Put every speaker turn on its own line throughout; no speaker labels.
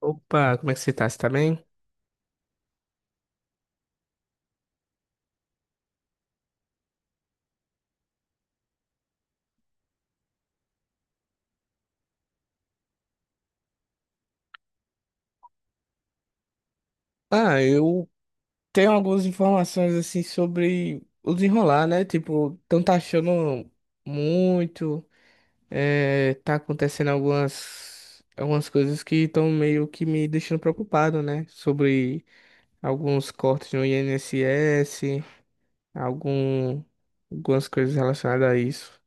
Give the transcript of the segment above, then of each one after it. Opa, como é que você tá? Você tá bem? Ah, eu tenho algumas informações assim sobre o desenrolar, né? Tipo, estão taxando muito, tá acontecendo algumas coisas que estão meio que me deixando preocupado, né? Sobre alguns cortes no INSS, algum, algumas coisas relacionadas a isso.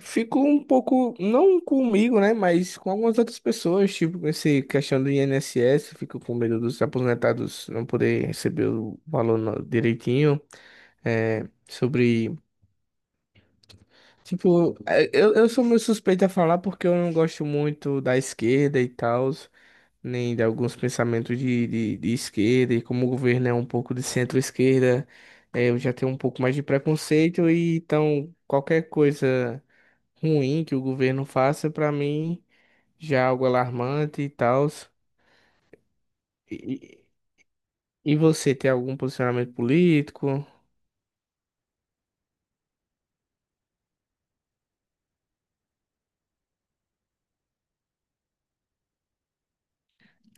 Fico um pouco, não comigo, né? Mas com algumas outras pessoas, tipo, com essa questão do INSS, fico com medo dos aposentados não poder receber o valor no- direitinho. É, sobre, tipo, é, eu sou meio suspeito a falar porque eu não gosto muito da esquerda e tal, nem de alguns pensamentos de esquerda, e como o governo é um pouco de centro-esquerda, eu já tenho um pouco mais de preconceito, e então qualquer coisa ruim que o governo faça, pra mim já é algo alarmante e tal. E, e você tem algum posicionamento político?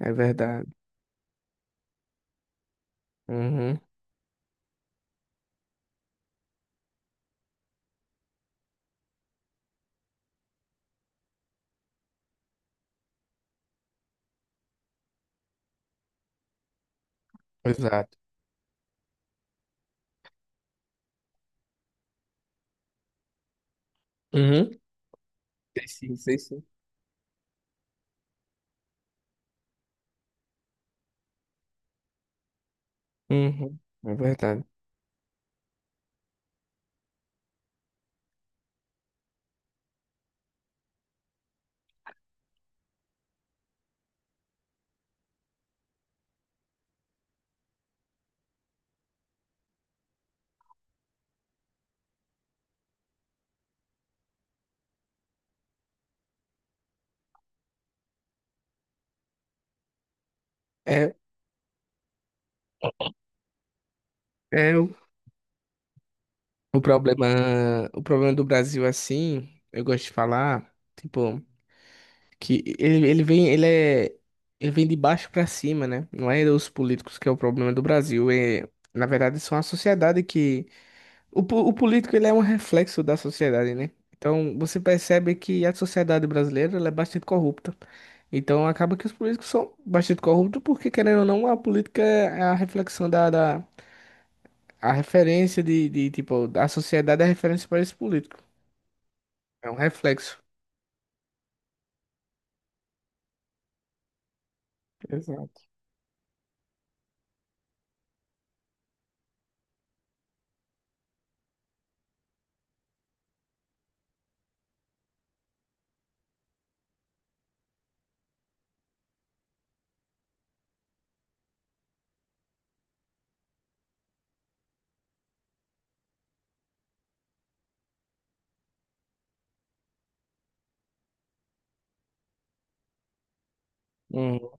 É verdade. Uhum. Exato. Uhum. Sei sim, sei sim. Uhum. É verdade. É, é o, o problema do Brasil é assim, eu gosto de falar, tipo, que ele vem de baixo pra cima, né? Não é os políticos que é o problema do Brasil, é, na verdade, são a sociedade que o, po- o político ele é um reflexo da sociedade, né? Então você percebe que a sociedade brasileira ela é bastante corrupta. Então acaba que os políticos são bastante corruptos porque, querendo ou não, a política é a reflexão da a referência de tipo, a sociedade é a referência para esse político. É um reflexo. Exato. Hum,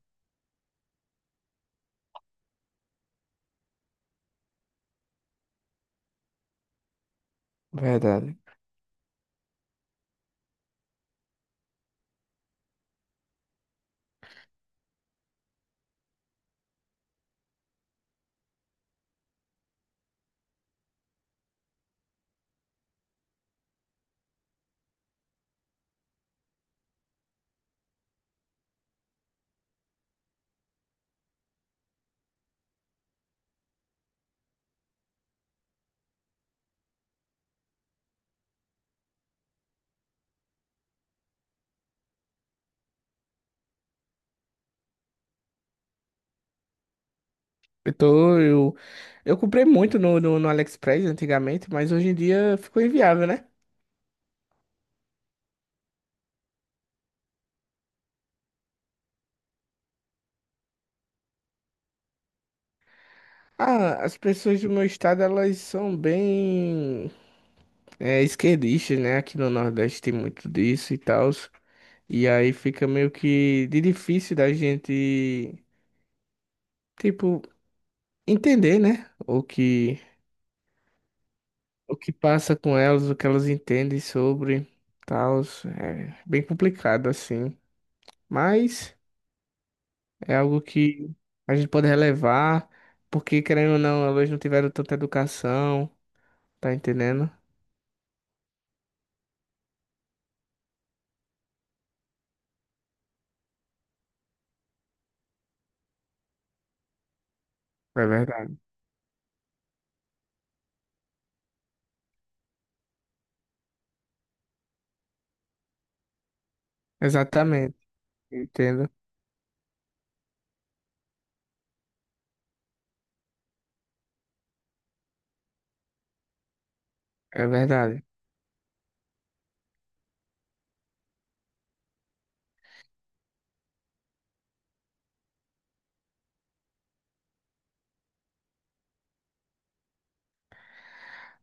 verdade. Eu, tô- eu, eu comprei muito no AliExpress antigamente, mas hoje em dia ficou inviável, né? Ah, as pessoas do meu estado, elas são bem. É esquerdista, né? Aqui no Nordeste tem muito disso e tal. E aí fica meio que de difícil da gente, tipo, entender, né? O que passa com elas, o que elas entendem sobre tal. É bem complicado, assim. Mas é algo que a gente pode relevar, porque, querendo ou não, elas não tiveram tanta educação, tá entendendo? É verdade. Exatamente, entendo. É verdade.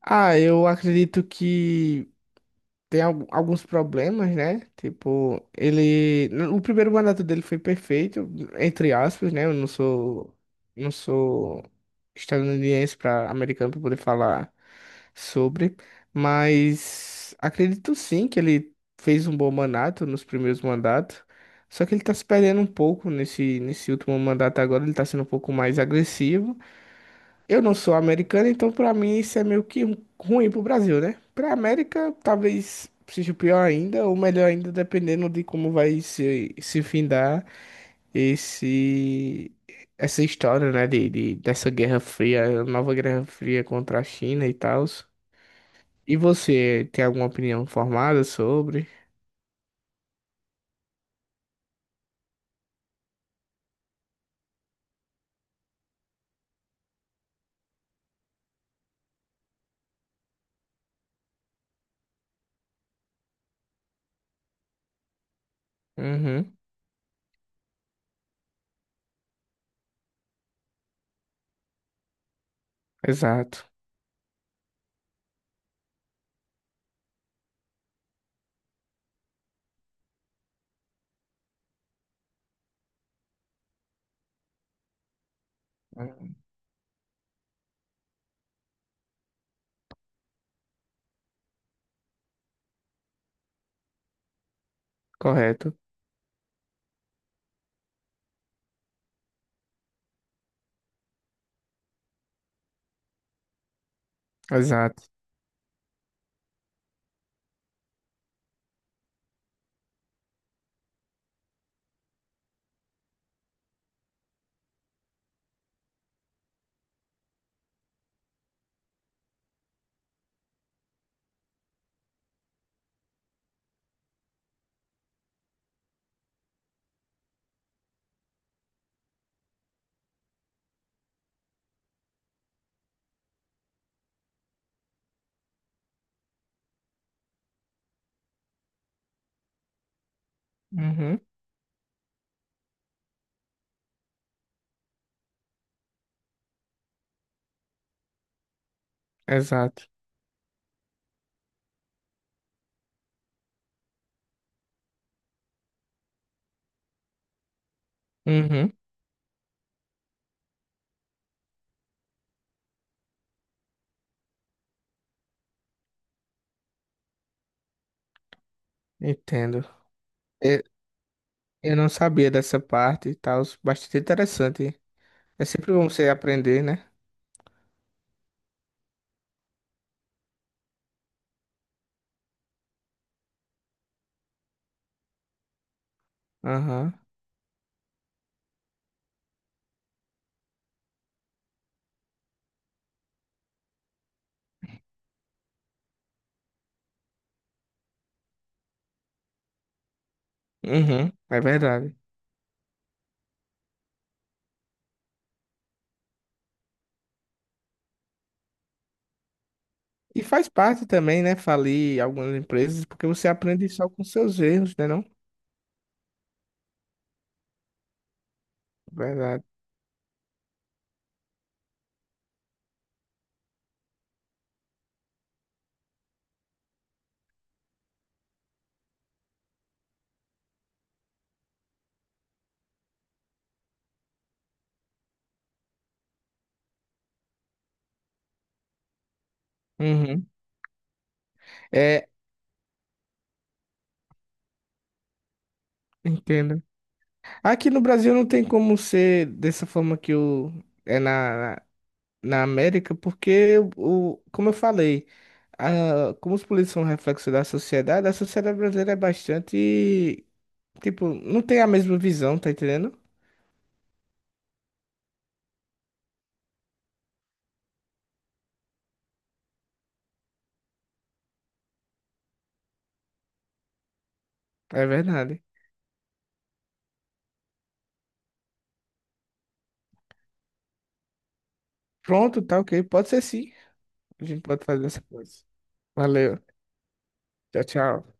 Ah, eu acredito que tem al- alguns problemas, né? Tipo, ele. O primeiro mandato dele foi perfeito, entre aspas, né? Eu não sou. Não sou estadunidense para americano para poder falar sobre. Mas acredito sim que ele fez um bom mandato nos primeiros mandatos. Só que ele tá se perdendo um pouco nesse último mandato agora, ele tá sendo um pouco mais agressivo. Eu não sou americano, então pra mim isso é meio que um- ruim pro Brasil, né? Pra América talvez seja pior ainda, ou melhor ainda, dependendo de como vai se findar esse, essa história, né? Dessa Guerra Fria, nova Guerra Fria contra a China e tal. E você tem alguma opinião formada sobre? Uhum, exato. Correto. Exato. Uhum, exato. Uhum, entendo. Eu não sabia dessa parte e tal, bastante interessante. É sempre bom você aprender, né? Aham. Uhum, é verdade. E faz parte também, né, falir algumas empresas, porque você aprende só com seus erros, né, não? Verdade. Uhum. É, entendo. Aqui no Brasil não tem como ser dessa forma que o é na América, porque o, como eu falei, a, como os políticos são reflexo da sociedade, a sociedade brasileira é bastante tipo, não tem a mesma visão, tá entendendo? É verdade. Pronto, tá ok. Pode ser sim. A gente pode fazer essa coisa. Valeu. Tchau, tchau.